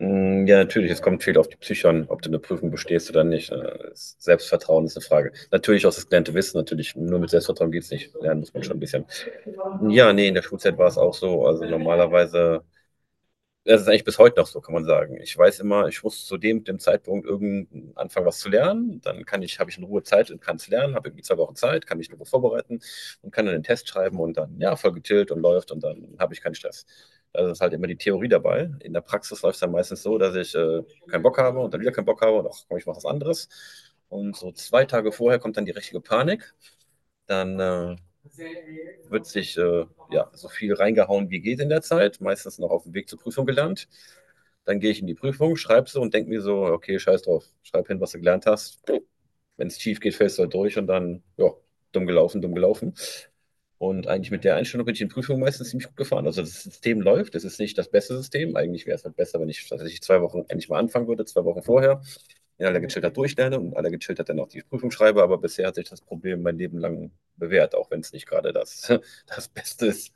Mm, ja, natürlich, es kommt viel auf die Psyche an, ob du eine Prüfung bestehst oder nicht. Ne? Das Selbstvertrauen ist eine Frage. Natürlich auch das gelernte Wissen, natürlich. Nur mit Selbstvertrauen geht's nicht. Lernen muss man schon ein bisschen. Ja, nee, in der Schulzeit war es auch so. Also normalerweise das ist eigentlich bis heute noch so, kann man sagen. Ich weiß immer, ich muss zu dem Zeitpunkt irgend anfangen, was zu lernen. Dann kann ich, habe ich in Ruhe Zeit und kann es lernen, habe irgendwie 2 Wochen Zeit, kann mich in Ruhe vorbereiten und kann dann den Test schreiben und dann, ja, voll getillt und läuft und dann habe ich keinen Stress. Da ist halt immer die Theorie dabei. In der Praxis läuft es dann meistens so, dass ich keinen Bock habe und dann wieder keinen Bock habe und ach komm, ich mache was anderes. Und so 2 Tage vorher kommt dann die richtige Panik. Dann Wird sich ja, so viel reingehauen, wie geht in der Zeit. Meistens noch auf dem Weg zur Prüfung gelernt. Dann gehe ich in die Prüfung, schreibe sie und denke mir so, okay, scheiß drauf, schreib hin, was du gelernt hast. Wenn es schief geht, fällst du halt durch und dann, ja, dumm gelaufen, dumm gelaufen. Und eigentlich mit der Einstellung bin ich in Prüfungen meistens ziemlich gut gefahren. Also das System läuft, es ist nicht das beste System. Eigentlich wäre es halt besser, wenn ich tatsächlich 2 Wochen endlich mal anfangen würde, 2 Wochen vorher, in aller Gechilltheit durchlerne und in aller Gechilltheit dann auch die Prüfung schreibe. Aber bisher hat sich das Problem mein Leben lang bewährt, auch wenn es nicht gerade das, das Beste ist.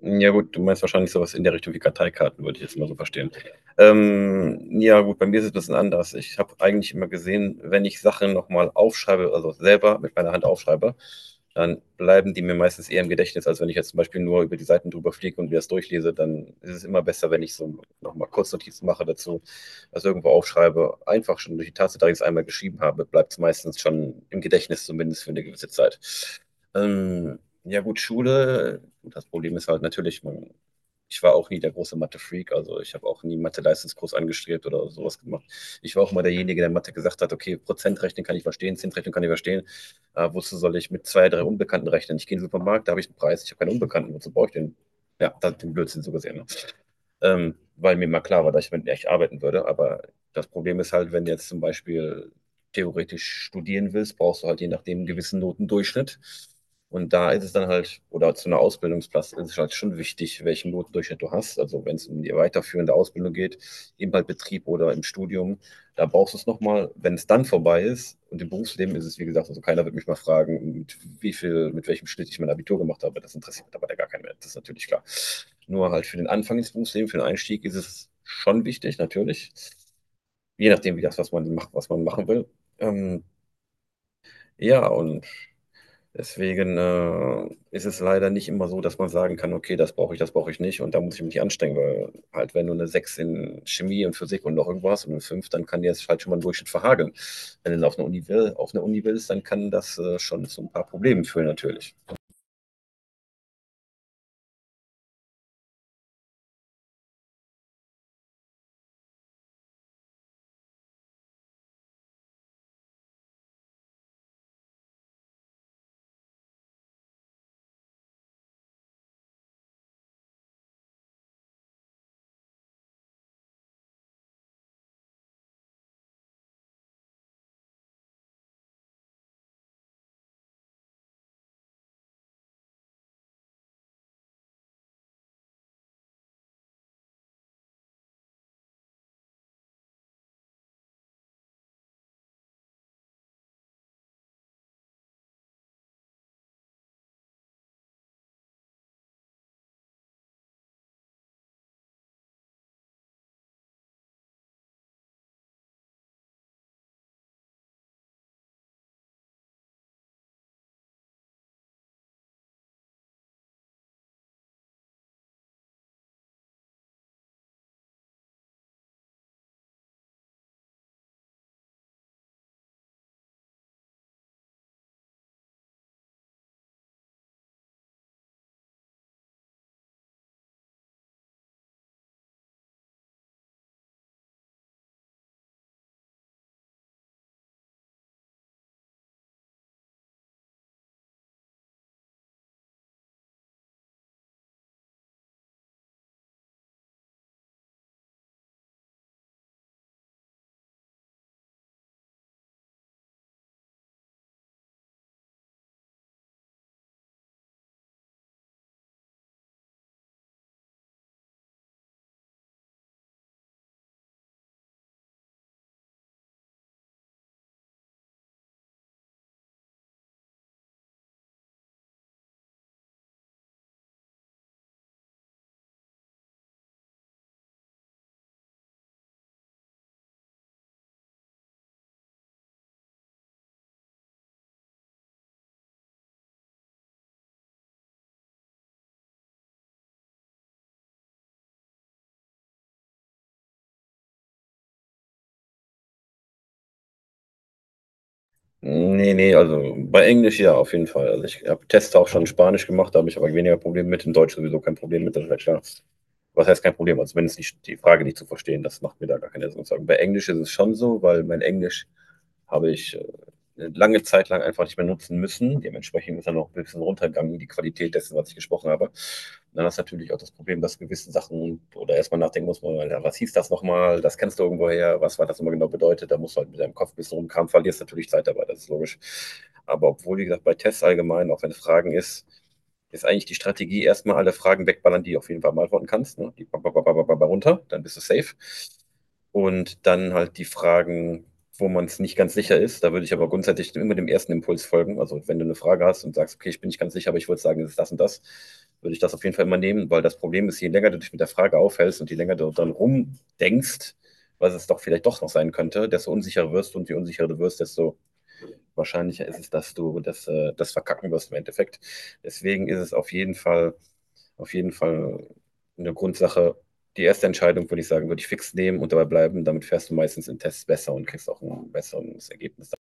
Ja gut, du meinst wahrscheinlich sowas in der Richtung wie Karteikarten, würde ich jetzt mal so verstehen. Ja gut, bei mir ist es ein bisschen anders. Ich habe eigentlich immer gesehen, wenn ich Sachen nochmal aufschreibe, also selber mit meiner Hand aufschreibe, dann bleiben die mir meistens eher im Gedächtnis, als wenn ich jetzt zum Beispiel nur über die Seiten drüber fliege und mir das durchlese. Dann ist es immer besser, wenn ich so nochmal mal Kurznotizen mache dazu, das irgendwo aufschreibe. Einfach schon durch die Tatsache, dass ich's einmal geschrieben habe, bleibt es meistens schon im Gedächtnis, zumindest für eine gewisse Zeit. Ähm, ja gut, Schule, das Problem ist halt natürlich, man, ich war auch nie der große Mathe-Freak, also ich habe auch nie Mathe-Leistungskurs angestrebt oder sowas gemacht. Ich war auch mal derjenige, der in Mathe gesagt hat, okay, Prozentrechnen kann ich verstehen, Zinsrechnen kann ich verstehen, wozu soll ich mit zwei, drei Unbekannten rechnen? Ich gehe in den Supermarkt, da habe ich einen Preis, ich habe keinen Unbekannten, wozu brauche ich den? Ja, das ist den Blödsinn so gesehen, weil mir mal klar war, dass ich damit echt arbeiten würde. Aber das Problem ist halt, wenn du jetzt zum Beispiel theoretisch studieren willst, brauchst du halt je nachdem einen gewissen Notendurchschnitt. Und da ist es dann halt, oder zu einer Ausbildungsplatz ist es halt schon wichtig, welchen Notendurchschnitt du hast. Also wenn es um die weiterführende Ausbildung geht, im halt Betrieb oder im Studium, da brauchst du es nochmal, wenn es dann vorbei ist. Und im Berufsleben ist es, wie gesagt, also keiner wird mich mal fragen, mit wie viel, mit welchem Schnitt ich mein Abitur gemacht habe. Das interessiert mittlerweile gar keinen mehr. Das ist natürlich klar. Nur halt für den Anfang ins Berufsleben, für den Einstieg ist es schon wichtig, natürlich. Je nachdem, wie das, was man macht, was man machen will. Ähm, ja, und deswegen ist es leider nicht immer so, dass man sagen kann, okay, das brauche ich nicht und da muss ich mich nicht anstrengen, weil halt wenn du eine 6 in Chemie und Physik und noch irgendwo hast und eine 5, dann kann dir das halt schon mal einen Durchschnitt verhageln. Wenn du auf eine Uni, will, auf eine Uni willst, dann kann das schon zu ein paar Problemen führen natürlich. Nee, nee, also bei Englisch ja, auf jeden Fall. Also ich habe Tests auch schon in Spanisch gemacht, da habe ich aber weniger Probleme mit. In Deutsch sowieso kein Problem mit, das ist ja klar. Was heißt kein Problem? Also wenn es nicht die Frage nicht zu verstehen, das macht mir da gar keine Sorgen. Bei Englisch ist es schon so, weil mein Englisch habe ich lange Zeit lang einfach nicht mehr nutzen müssen. Dementsprechend ist dann noch ein bisschen runtergegangen, die Qualität dessen, was ich gesprochen habe. Und dann ist natürlich auch das Problem, dass gewisse Sachen oder erstmal nachdenken muss man, ja, was hieß das nochmal, das kennst du irgendwoher, was war das immer genau bedeutet, da musst du halt mit deinem Kopf ein bisschen rumkramen, verlierst natürlich Zeit dabei, das ist logisch. Aber obwohl, wie gesagt, bei Tests allgemein, auch wenn es Fragen ist, ist eigentlich die Strategie erstmal alle Fragen wegballern, die du auf jeden Fall beantworten kannst. Ne? Die runter, dann bist du safe. Und dann halt die Fragen wo man es nicht ganz sicher ist. Da würde ich aber grundsätzlich immer dem ersten Impuls folgen. Also wenn du eine Frage hast und sagst, okay, ich bin nicht ganz sicher, aber ich würde sagen, es ist das und das, würde ich das auf jeden Fall immer nehmen, weil das Problem ist, je länger du dich mit der Frage aufhältst und je länger du dann rumdenkst, was es doch vielleicht doch noch sein könnte, desto unsicherer wirst du und je unsicherer du wirst, desto wahrscheinlicher ist es, dass du das, das verkacken wirst im Endeffekt. Deswegen ist es auf jeden Fall eine Grundsache. Die erste Entscheidung, würde ich sagen, würde ich fix nehmen und dabei bleiben. Damit fährst du meistens in Tests besser und kriegst auch ein besseres Ergebnis.